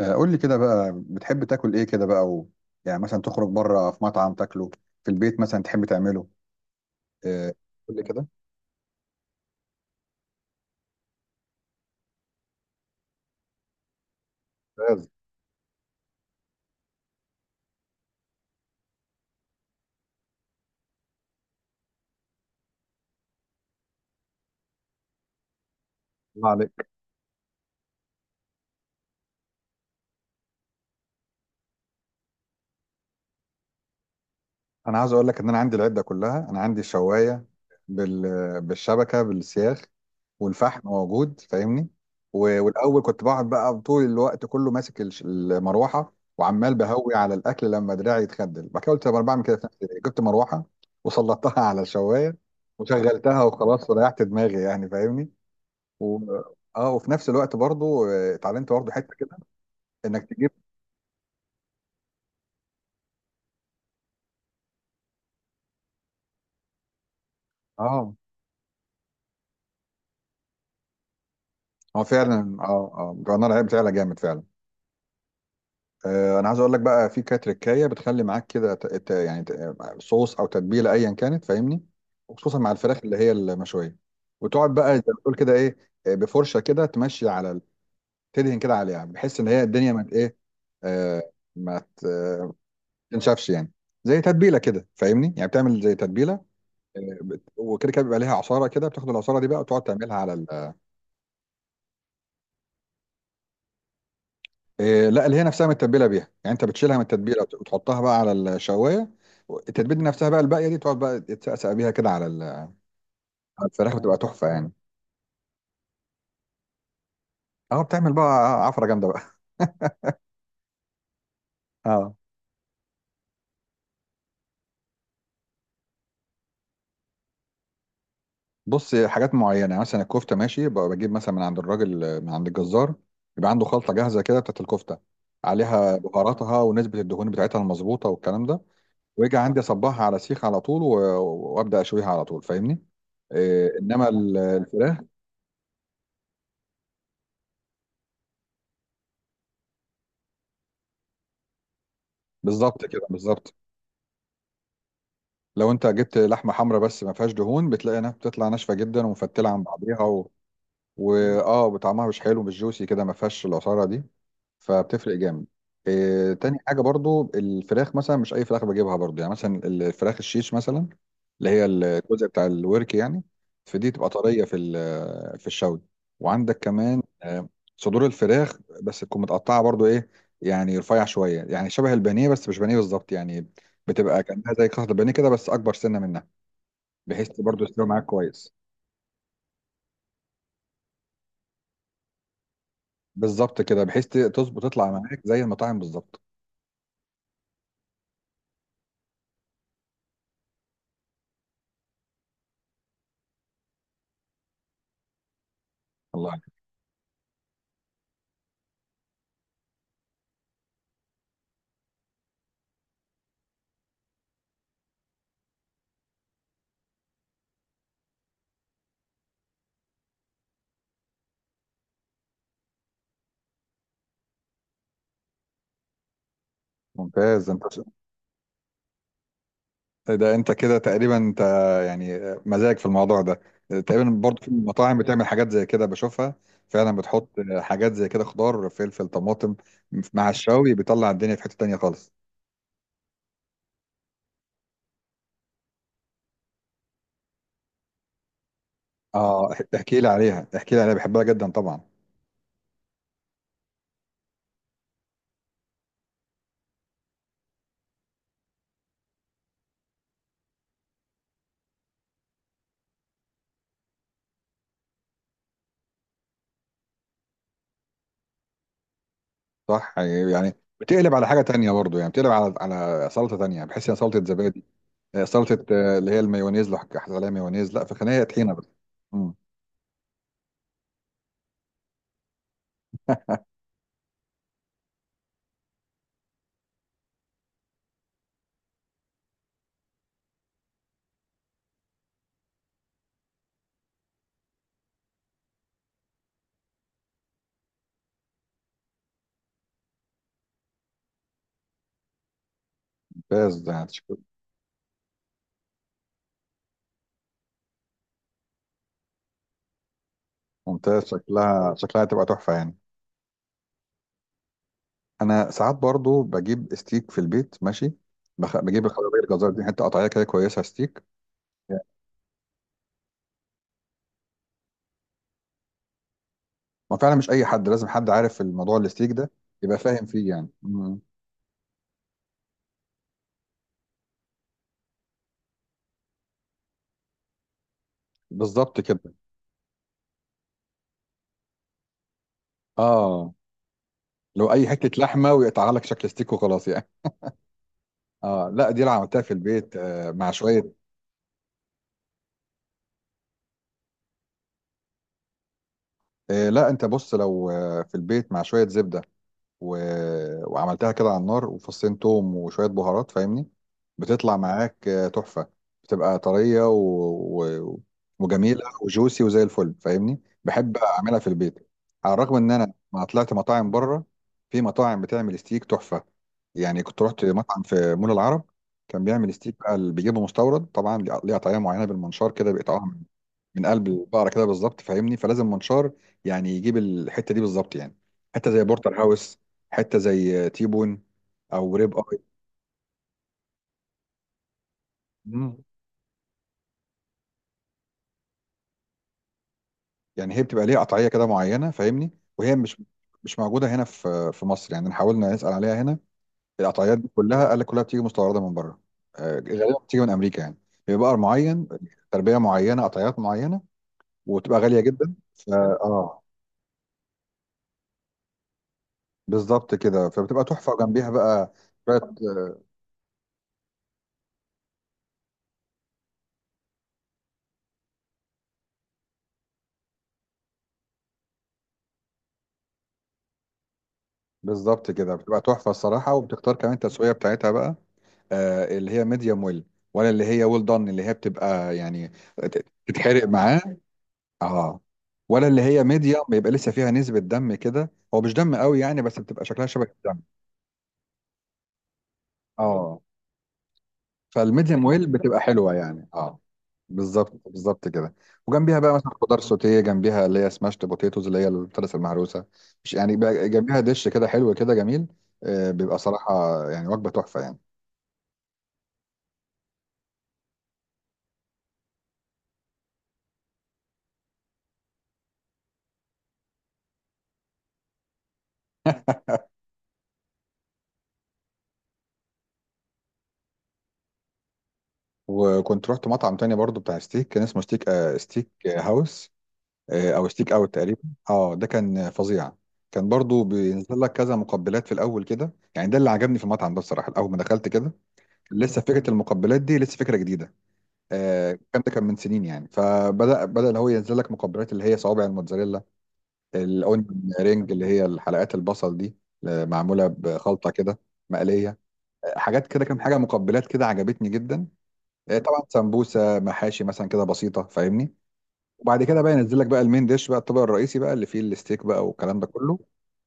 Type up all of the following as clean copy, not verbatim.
قول لي كده بقى بتحب تاكل ايه كده بقى يعني مثلا تخرج بره في مطعم تاكله. في البيت مثلا تحب تعمله. آه، قول لي كده. ممتاز. الله عليك. انا عايز اقول لك ان انا عندي العده كلها، انا عندي الشوايه بال... بالشبكه بالسياخ. والفحم موجود، فاهمني. و... والاول كنت بقعد بقى طول الوقت كله ماسك المروحه وعمال بهوي على الاكل، لما دراعي يتخدل بعد كده قلت طب انا بعمل كده في نفسي ليه؟ جبت مروحه وسلطتها على الشوايه وشغلتها وخلاص وريحت دماغي، يعني فاهمني. و... اه وفي نفس الوقت برضو اتعلمت برضو حته كده. انك تجيب. اه هو فعلا جرنال عيب فعلا جامد فعلا. انا عايز اقول لك بقى في كانت تركايه بتخلي معاك كده يعني صوص او تتبيله ايا كانت، فاهمني. وخصوصا مع الفراخ اللي هي المشويه. وتقعد بقى زي ما بتقول كده ايه. بفرشه كده تمشي تدهن كده عليها بحيث ان هي الدنيا ما ت- ايه آه ما ت- آه، ما تنشفش يعني. زي تتبيله كده فاهمني، يعني بتعمل زي تتبيله. وكده كده بيبقى ليها عصاره كده، بتاخد العصاره دي بقى وتقعد تعملها على ال... آه، لا، اللي هي نفسها متبله بيها، يعني انت بتشيلها من التتبيله وتحطها بقى على الشوايه. التتبيله دي نفسها بقى الباقيه دي تقعد بقى تتسقسق بيها كده على ال- آه، على الفراخ بتبقى تحفه يعني. اه بتعمل بقى عفره جامده بقى اه بص، حاجات معينه يعني مثلا الكفته ماشي بقى، بجيب مثلا من عند الراجل، من عند الجزار. يبقى عنده خلطه جاهزه كده بتاعت الكفته، عليها بهاراتها ونسبه الدهون بتاعتها المظبوطه والكلام ده. واجي عندي اصبعها على سيخ على طول وابدا اشويها على طول، فاهمني. إيه، انما الفراخ. بالظبط كده، بالظبط. لو انت جبت لحمه حمراء بس ما فيهاش دهون، بتلاقي انها بتطلع ناشفه جدا ومفتله عن بعضها طعمها مش حلو، مش جوسي كده، ما فيهاش العصاره دي. فبتفرق جامد. إيه، تاني حاجة برضو، الفراخ مثلا مش أي فراخ بجيبها برضو، يعني مثلا الفراخ الشيش مثلا. اللي هي الجزء بتاع الورك يعني. فدي تبقى طرية في الشوي. وعندك كمان صدور الفراخ بس تكون متقطعة برضو، إيه. يعني رفيع شوية، يعني شبه البانيه بس مش بانيه بالظبط يعني. بتبقى كأنها زي قطعة البانيه كده بس أكبر سنة منها. بحيث برضو تستوي معاك كويس. بالظبط كده، بحيث تظبط تطلع معاك زي المطاعم بالظبط. الله يعينك. ممتاز انت. ده انت كده تقريبا انت، يعني مزاج في الموضوع ده. تقريبا برضو في مطاعم بتعمل حاجات زي كده بشوفها. فعلا بتحط حاجات زي كده، خضار فلفل طماطم. مع الشاوي بيطلع الدنيا في حتة تانية خالص. اه احكي لي عليها، احكي لي عليها، بحبها جدا طبعا. صح، يعني بتقلب على حاجة تانية برضو، يعني بتقلب على سلطة تانية، بحس ان سلطة زبادي. سلطة اللي هي المايونيز، لو حطيت عليها مايونيز لا، في خليها طحينة بس. مم، ممتاز يعني ممتاز، شكلها تبقى تحفة يعني. انا ساعات برضو بجيب ستيك في البيت، ماشي. بجيب الخضروات، الجزار دي حته قطعيه كده كويسه، ستيك. ما فعلا مش اي حد، لازم حد عارف الموضوع الستيك ده. يبقى فاهم فيه يعني. مم. بالظبط كده. اه لو اي حته لحمه ويقطع لك شكل ستيك وخلاص يعني. اه لا، دي اللي عملتها في البيت مع شويه. لا انت بص لو في البيت مع شويه زبده و... وعملتها كده على النار، وفصين توم وشوية بهارات، فاهمني. بتطلع معاك تحفة. بتبقى طرية و... وجميلة وجوسي وزي الفل، فاهمني، بحب أعملها في البيت. على الرغم إن أنا ما طلعت مطاعم بره. في مطاعم بتعمل ستيك تحفة يعني، كنت رحت مطعم في مول العرب. كان بيعمل ستيك بقى، اللي بيجيبه مستورد طبعا ليه، طريقة معينة بالمنشار كده بيقطعوها من قلب البقرة كده بالظبط فاهمني، فلازم منشار. يعني يجيب الحتة دي بالظبط يعني. حتة زي بورتر هاوس. حته زي تيبون. او ريب اي. مم. يعني هي بتبقى ليها قطعيه كده معينه، فاهمني. وهي مش موجوده هنا في مصر، يعني حاولنا نسال عليها هنا. القطعيات دي كلها قال لك كلها بتيجي مستورده من بره. غالبا بتيجي من امريكا يعني. بيبقى بقر معين. تربيه معينه، قطعيات معينه. وتبقى غاليه جدا اه بالظبط كده فبتبقى تحفه، وجنبيها بقى شويه. بالظبط كده بتبقى تحفه الصراحه، وبتختار كمان التسويه بتاعتها بقى. اللي هي ميديوم ويل. ولا اللي هي ويل دون، اللي هي بتبقى يعني تتحرق معاه. اه ولا اللي هي ميديوم بيبقى لسه فيها نسبة دم كده، هو مش دم قوي يعني بس بتبقى شكلها شبه الدم. اه فالميديوم ويل بتبقى حلوة يعني بالظبط بالظبط كده. وجنبيها بقى مثلا خضار سوتيه، جنبيها اللي هي سماشت بوتيتوز، اللي هي الفلس المهروسه. مش يعني بقى، جنبيها دش كده حلو كده جميل. بيبقى صراحه يعني وجبه تحفه يعني. وكنت رحت مطعم تاني برضو بتاع ستيك، كان اسمه ستيك ستيك هاوس. او ستيك اوت تقريبا. اه ده كان فظيع. كان برضو بينزل لك كذا مقبلات في الاول كده، يعني ده اللي عجبني في المطعم ده بصراحه اول ما دخلت كده. كان لسه فكره المقبلات دي لسه فكره جديده. الكلام ده كان من سنين يعني، فبدا اللي هو ينزل لك مقبلات اللي هي صوابع الموتزاريلا. الاونيون رينج اللي هي الحلقات البصل دي. معموله بخلطه كده. مقليه. حاجات كده كام حاجه مقبلات كده عجبتني جدا. طبعا سمبوسه محاشي مثلا كده بسيطه، فاهمني. وبعد كده بقى ينزل لك بقى المين ديش بقى الطبق الرئيسي بقى اللي فيه الستيك بقى والكلام ده كله.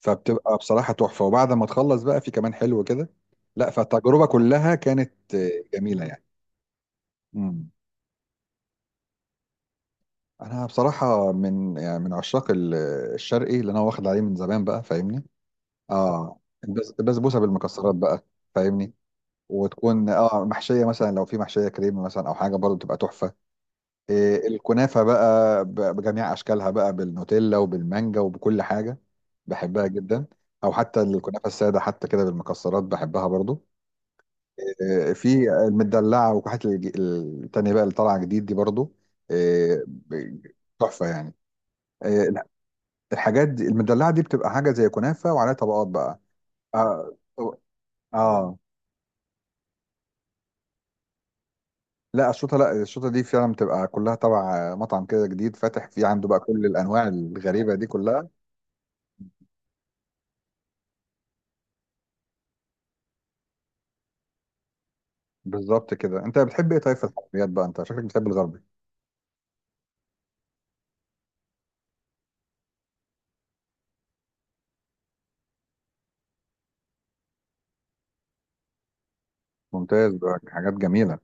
فبتبقى بصراحة تحفة، وبعد ما تخلص بقى في كمان حلو كده. لا، فالتجربة كلها كانت جميلة يعني. مم. انا بصراحة، من يعني من عشاق الشرقي، اللي انا واخد عليه من زمان بقى فاهمني. اه البسبوسة بالمكسرات بقى. فاهمني. وتكون محشية مثلا، لو في محشية كريمة مثلا او حاجة برضه بتبقى تحفة. إيه، الكنافة بقى بجميع أشكالها بقى، بالنوتيلا وبالمانجا وبكل حاجة. بحبها جدا. أو حتى الكنافة السادة حتى كده بالمكسرات بحبها برضو. إيه، في المدلعة وكحة التانية بقى اللي طالعة جديد دي برضو. إيه، تحفة يعني. إيه، لا، الحاجات دي المدلعة دي بتبقى حاجة زي كنافة وعليها طبقات بقى. آه آه. لا الشوطة، لا الشوطة دي فعلا بتبقى كلها تبع مطعم كده جديد فاتح فيه عنده بقى، كل الأنواع الغريبة دي كلها. بالظبط كده، انت بتحب ايه طيب في الحلويات بقى؟ انت شكلك بتحب الغربي. ممتاز بقى، حاجات جميله.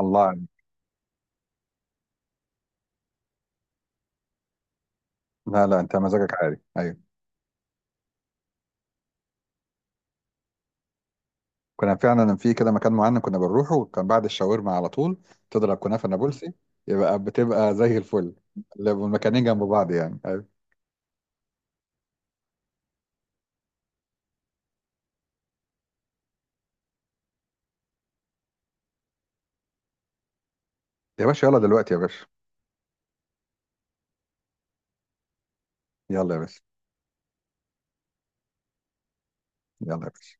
الله عليك. لا لا، انت مزاجك عالي، ايوه. كنا فعلا في كده مكان معين كنا بنروحه كان بعد الشاورما على طول. تضرب كنافه نابلسي. يبقى بتبقى زي الفل. المكانين جنب بعض يعني، ايوه. يا باشا يلا دلوقتي يا باشا. يلا يا باشا. يلا يا باشا.